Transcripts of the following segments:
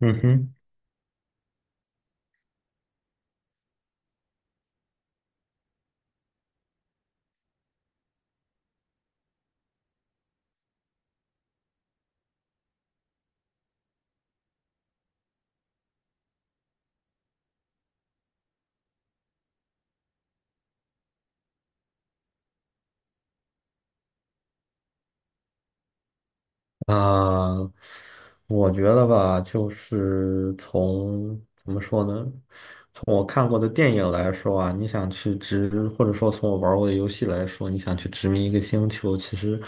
嗯哼。啊、我觉得吧，就是从怎么说呢，从我看过的电影来说啊，你想去殖，或者说从我玩过的游戏来说，你想去殖民一个星球，其实，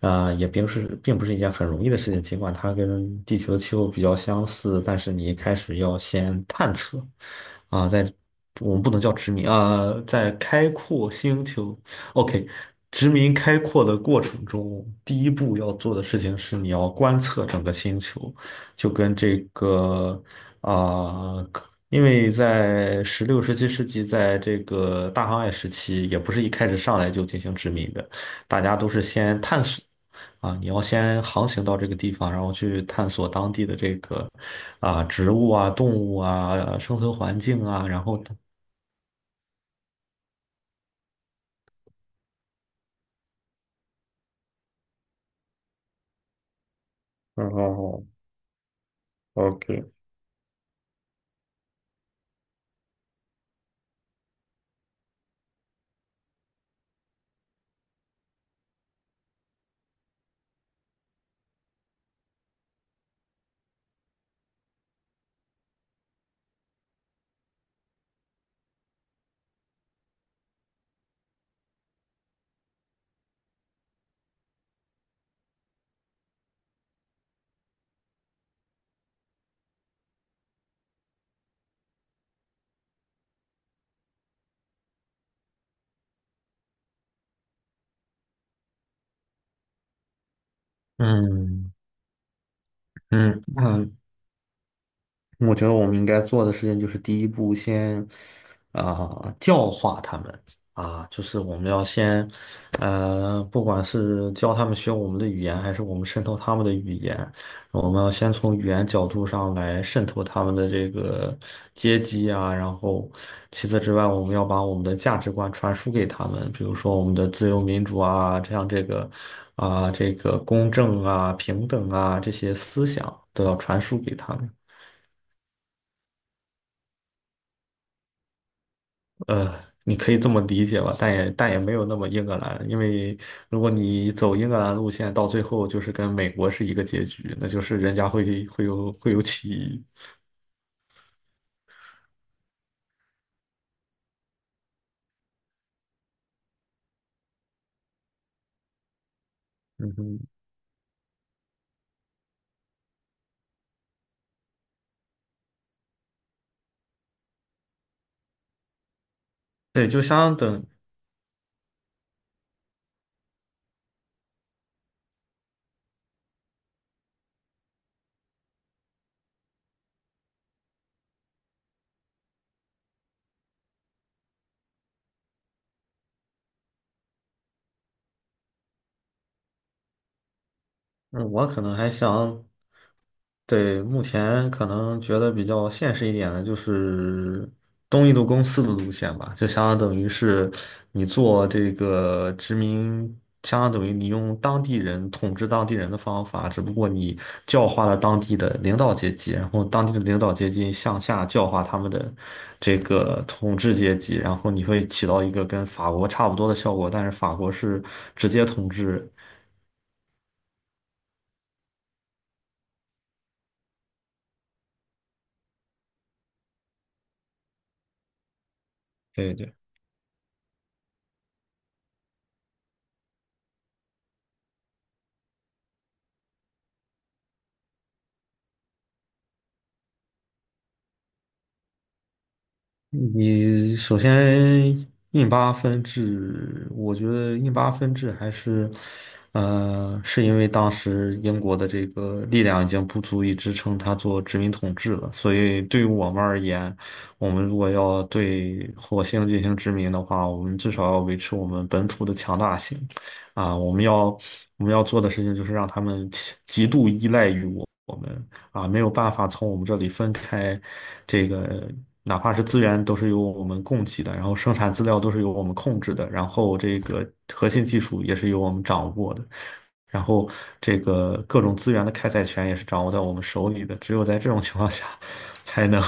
也并不是一件很容易的事情。尽管它跟地球的气候比较相似，但是你一开始要先探测，在我们不能叫殖民在开阔星球。OK，殖民开阔的过程中，第一步要做的事情是你要观测整个星球，就跟这个可因为在16、17世纪，在这个大航海时期，也不是一开始上来就进行殖民的，大家都是先探索啊，你要先航行到这个地方，然后去探索当地的这个植物啊、动物啊、生存环境啊，然后。嗯，嗯嗯。 o k。 嗯嗯嗯。我觉得我们应该做的事情就是第一步先，啊、教化他们啊，就是我们要先，不管是教他们学我们的语言，还是我们渗透他们的语言，我们要先从语言角度上来渗透他们的这个阶级啊，然后其次之外，我们要把我们的价值观传输给他们，比如说我们的自由民主啊，这样这个这个公正啊、平等啊这些思想都要传输给他们。呃，你可以这么理解吧，但也没有那么英格兰，因为如果你走英格兰路线，到最后就是跟美国是一个结局，那就是人家会有起义。嗯哼。对，就相等。嗯，我可能还想。对，目前可能觉得比较现实一点的就是东印度公司的路线吧，就相当等于是你做这个殖民，相当等于你用当地人统治当地人的方法，只不过你教化了当地的领导阶级，然后当地的领导阶级向下教化他们的这个统治阶级，然后你会起到一个跟法国差不多的效果，但是法国是直接统治。对对。你首先印巴分治，我觉得印巴分治还是，是因为当时英国的这个力量已经不足以支撑它做殖民统治了，所以对于我们而言，我们如果要对火星进行殖民的话，我们至少要维持我们本土的强大性，啊，我们要我们要做的事情就是让他们极度依赖于。没有办法从我们这里分开，这个哪怕是资源都是由我们供给的，然后生产资料都是由我们控制的，然后这个核心技术也是由我们掌握的，然后这个各种资源的开采权也是掌握在我们手里的，只有在这种情况下，才能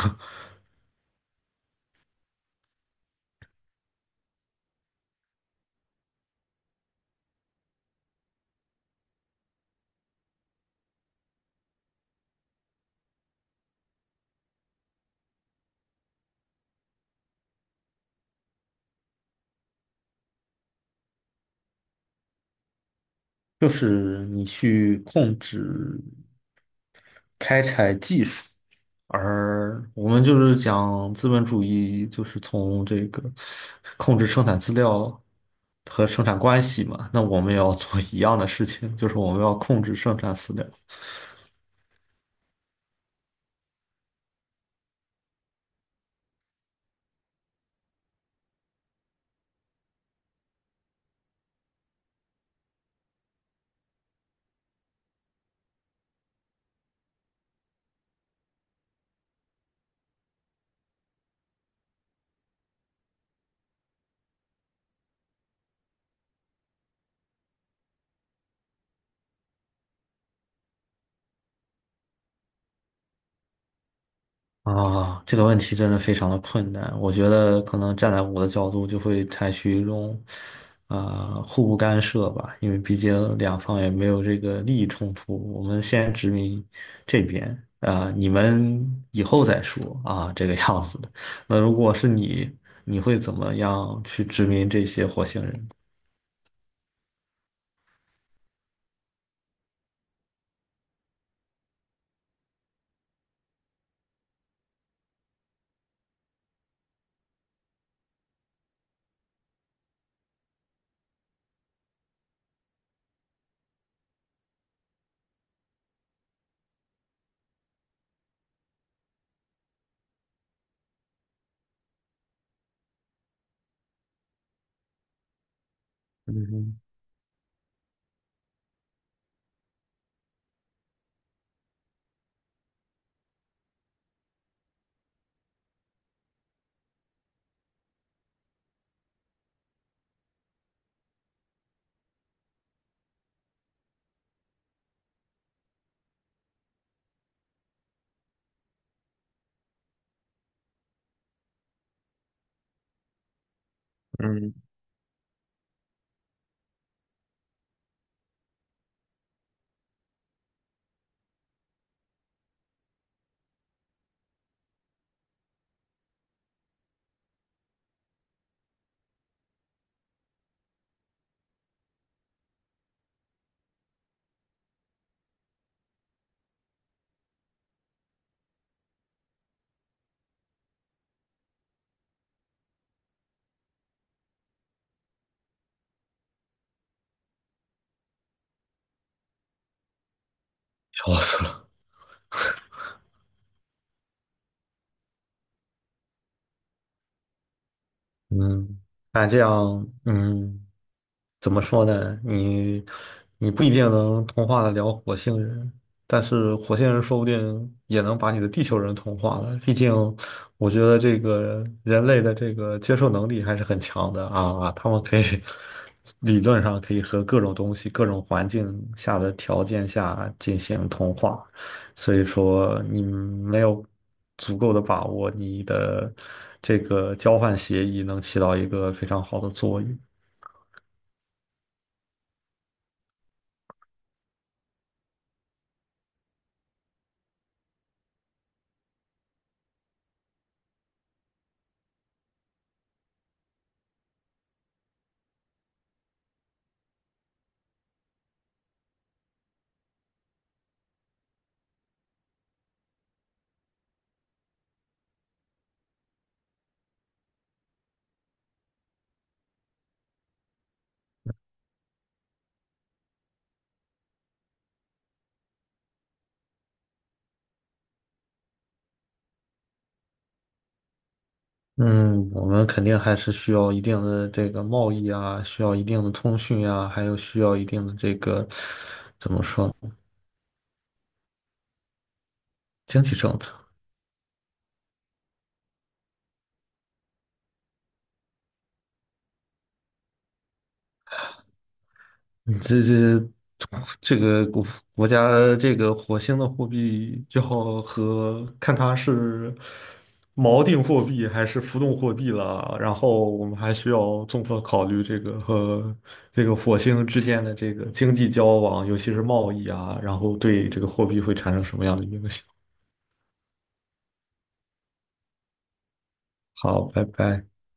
就是你去控制。开采技术，而我们就是讲资本主义，就是从这个控制生产资料和生产关系嘛。那我们也要做一样的事情，就是我们要控制生产资料。这个问题真的非常的困难。我觉得可能站在我的角度，就会采取一种互不干涉吧，因为毕竟两方也没有这个利益冲突。我们先殖民这边你们以后再说啊，这个样子的。那如果是你，你会怎么样去殖民这些火星人？嗯嗯。笑死了。嗯，那这样，嗯。怎么说呢？你不一定能同化得了火星人，但是火星人说不定也能把你的地球人同化了。毕竟，我觉得这个人类的这个接受能力还是很强的啊，他们可以 理论上可以和各种东西、各种环境下的条件下进行同化。所以说，你没有足够的把握，你的这个交换协议能起到一个非常好的作用。嗯，我们肯定还是需要一定的这个贸易啊，需要一定的通讯啊，还有需要一定的这个怎么说呢经济政策。你这个国家这个火星的货币就好和看它是锚定货币还是浮动货币了。然后我们还需要综合考虑这个和这个火星之间的这个经济交往，尤其是贸易啊，然后对这个货币会产生什么样的影响。好，拜拜。